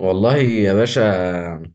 والله يا باشا.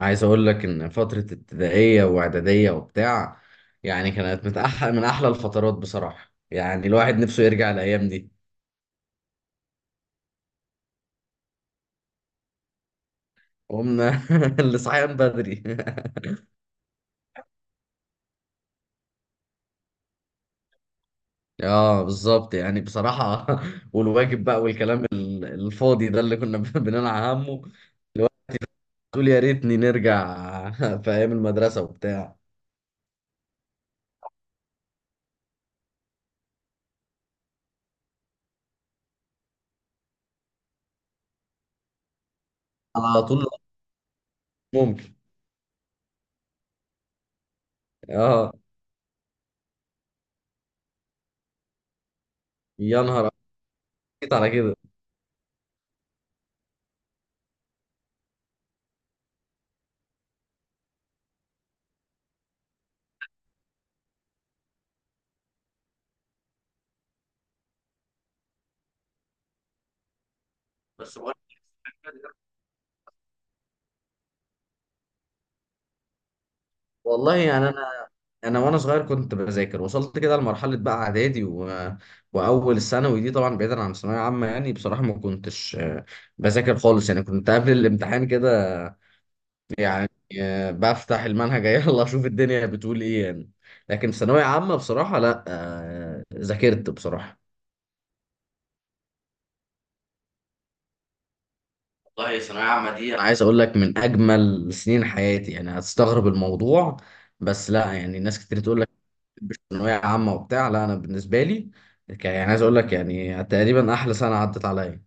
عايز اقول لك ان فترة ابتدائية واعدادية وبتاع كانت من احلى، من احلى الفترات بصراحة. يعني الواحد نفسه يرجع الايام دي. قمنا لصحيان بدري اه بالظبط، يعني بصراحة والواجب بقى والكلام الفاضي ده اللي كنا بننعى همه. الواحد تقول يا ريتني نرجع في ايام المدرسة وبتاع. على طول ممكن. اه يا نهار أبيض على كده. بس بقول لك، والله يعني انا وانا صغير كنت بذاكر. وصلت كده لمرحله بقى اعدادي و... واول الثانوي دي، طبعا بعيدا عن الثانويه عامه، يعني بصراحه ما كنتش بذاكر خالص. يعني كنت قبل الامتحان كده يعني بفتح المنهج يلا اشوف الدنيا بتقول ايه يعني. لكن في ثانويه عامه بصراحه لا، ذاكرت بصراحه. والله ثانويه عامه دي انا عايز اقول لك من اجمل سنين حياتي. يعني هتستغرب الموضوع، بس لا، يعني ناس كتير تقول لك ثانوية عامة وبتاع. لا أنا بالنسبة لي يعني عايز أقول لك يعني تقريبا أحلى سنة عدت عليا.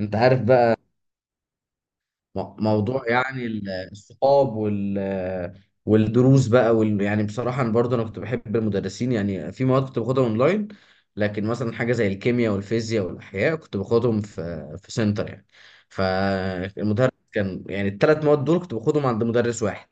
أنت عارف بقى. موضوع يعني الصحاب وال والدروس بقى وال... يعني بصراحة أنا برضه أنا كنت بحب المدرسين. يعني في مواد كنت باخدها أونلاين، لكن مثلا حاجة زي الكيمياء والفيزياء والأحياء كنت باخدهم في في سنتر يعني. فالمدرس كان يعني الثلاث مواد دول كنت باخدهم عند مدرس واحد.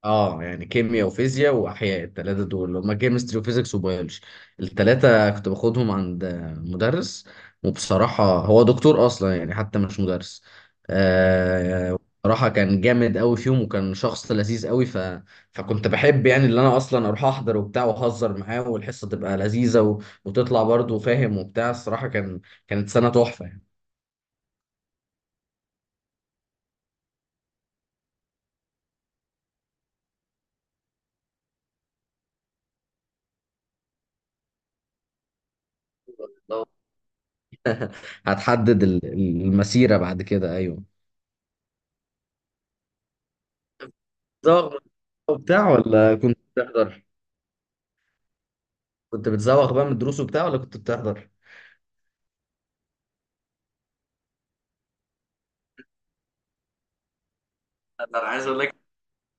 اه يعني كيمياء وفيزياء واحياء، الثلاثه دول اللي هم كيمستري وفيزيكس وبيولوجي، الثلاثه كنت باخدهم عند مدرس. وبصراحه هو دكتور اصلا، يعني حتى مش مدرس. آه بصراحه كان جامد قوي فيهم، وكان شخص لذيذ قوي ف... فكنت بحب يعني اللي انا اصلا اروح احضر وبتاع واهزر معاه، والحصه تبقى لذيذه و... وتطلع برضه فاهم وبتاع. الصراحه كان كانت سنه تحفه يعني. لو هتحدد المسيره بعد كده ايوه. بتزوغ من الدروس وبتاع ولا كنت بتحضر؟ كنت بتزوغ بقى من الدروس وبتاع ولا كنت بتحضر؟ أنا عايز اقول لك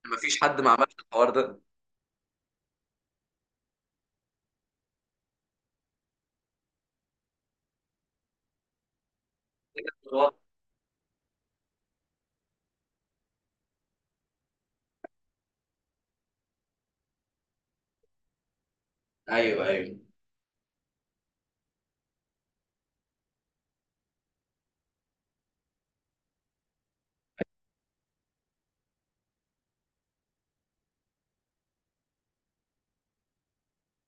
مفيش حد ما عملش الحوار ده. ايوه ايوه.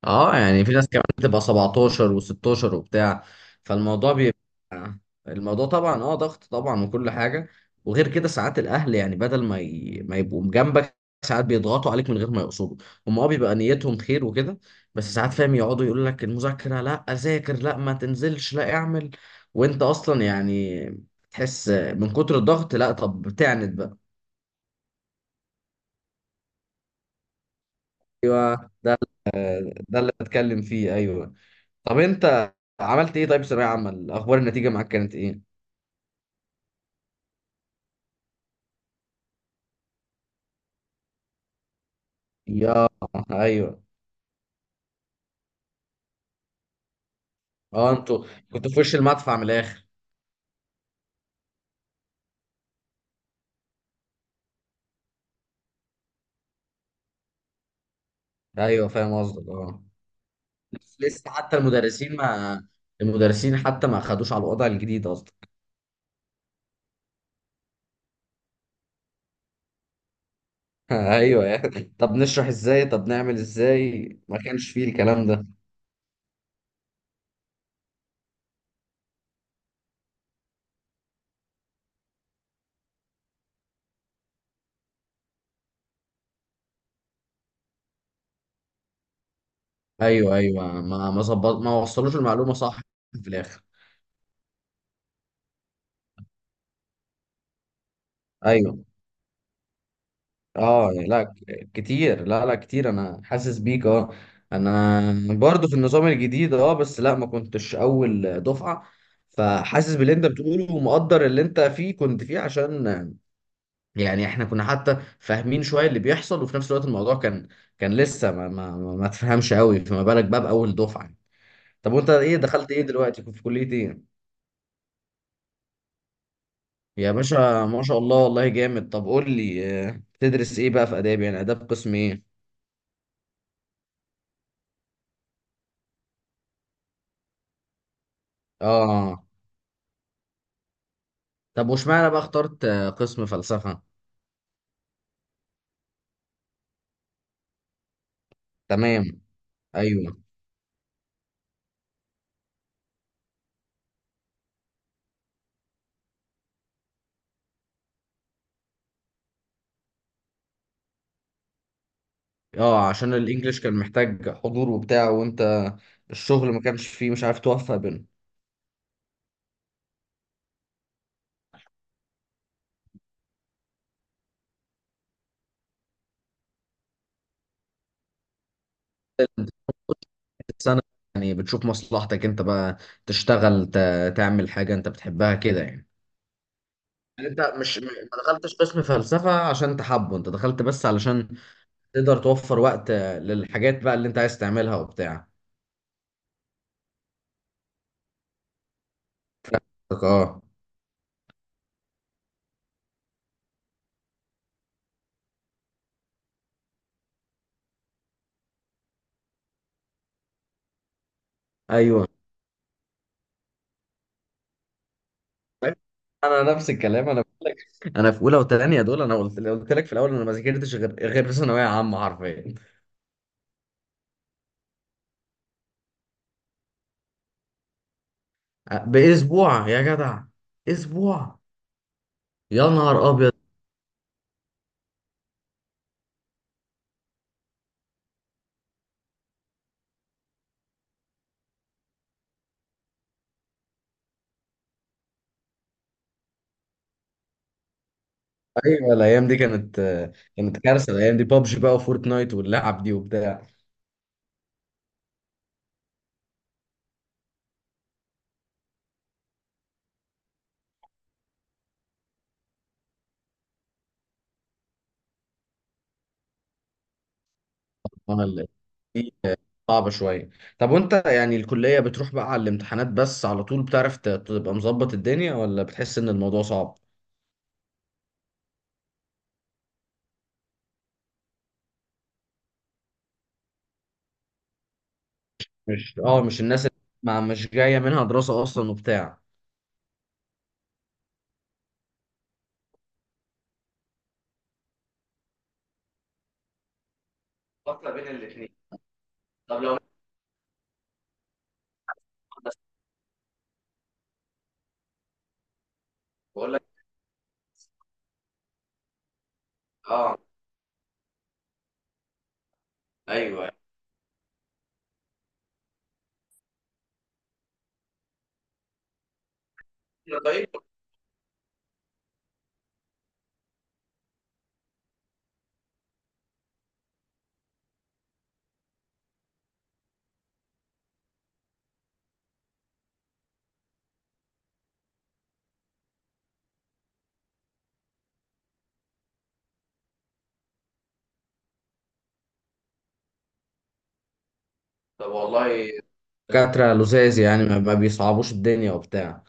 اه يعني في ناس كمان بتبقى 17 و16 وبتاع. فالموضوع بيبقى الموضوع طبعا اه ضغط طبعا وكل حاجه. وغير كده ساعات الاهل يعني بدل ما ي... ما يبقوا جنبك، ساعات بيضغطوا عليك من غير ما يقصدوا. هم اه بيبقى نيتهم خير وكده، بس ساعات فاهم يقعدوا يقول لك المذاكره لا، ذاكر لا، ما تنزلش لا، اعمل. وانت اصلا يعني تحس من كتر الضغط، لا طب بتعند بقى. ايوه ده، ده اللي بتكلم فيه، ايوه. طب انت عملت ايه طيب في ثانوية عامة؟ اخبار النتيجة معاك كانت ايه؟ يا ايوه. اه انتوا كنتوا في وش المدفع من الاخر. ايوه فاهم قصدك اه. لسه لسه، حتى المدرسين ما، المدرسين حتى ما خدوش على الوضع الجديد قصدك. ايوه يعني طب نشرح ازاي، طب نعمل ازاي، ما كانش فيه الكلام ده. ايوه ايوه، ما ظبط، ما وصلوش المعلومة صح في الاخر. ايوه اه لا، كتير، لا لا كتير، انا حاسس بيك اه. انا برضو في النظام الجديد اه، بس لا ما كنتش اول دفعة. فحاسس باللي انت بتقوله، ومقدر اللي انت فيه كنت فيه. عشان يعني احنا كنا حتى فاهمين شوية اللي بيحصل، وفي نفس الوقت الموضوع كان كان لسه ما تفهمش قوي، فما بالك بقى باول دفعة. طب وانت ايه دخلت ايه دلوقتي، كنت في كلية ايه؟ يا باشا ما شاء الله، والله جامد. طب قول لي تدرس ايه بقى في اداب؟ يعني اداب قسم ايه؟ اه. طب واشمعنى بقى اخترت قسم فلسفة؟ تمام. ايوه. اه عشان الانجليش كان محتاج حضور وبتاع، وانت الشغل ما كانش فيه، مش عارف توفق بينه. السنة يعني بتشوف مصلحتك انت بقى. تشتغل تعمل حاجة انت بتحبها كده يعني. يعني انت مش ما دخلتش قسم فلسفة عشان انت حابه، انت دخلت بس علشان تقدر توفر وقت للحاجات بقى اللي انت عايز تعملها وبتاع. اه ايوه، انا نفس الكلام انا بقول لك. انا في اولى وثانيه دول انا قلت لك في الاول، انا ما ذاكرتش غير في ثانويه عامه حرفيا. باسبوع يا جدع، اسبوع. يا نهار ابيض. ايوه الايام دي كانت كانت كارثه. الايام دي بابجي بقى وفورتنايت واللعب دي وبتاع. انا دي صعبه شويه. طب وانت يعني الكليه بتروح بقى على الامتحانات بس على طول، بتعرف تبقى مظبط الدنيا ولا بتحس ان الموضوع صعب؟ مش اه مش الناس اللي ما مش جايه منها دراسه اصلا وبتاع. فاصلة بين الاثنين. طب لو، بس بقول لك اه. ايوه. إحنا طيب. طب والله دكاترة لزاز، يعني ما بيصعبوش الدنيا وبتاع.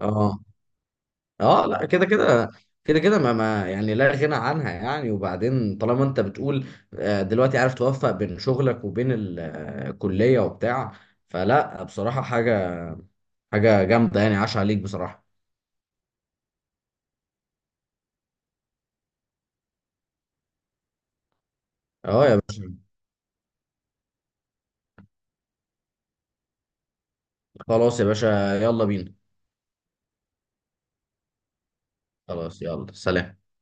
اه اه لا، كده، كده ما يعني لا غنى عنها يعني. وبعدين طالما انت بتقول دلوقتي عارف توفق بين شغلك وبين الكلية وبتاع، فلا بصراحة، حاجة حاجة جامدة يعني، عاش عليك بصراحة. اه يا باشا. خلاص يا باشا، يلا بينا. خلاص يلا سلام.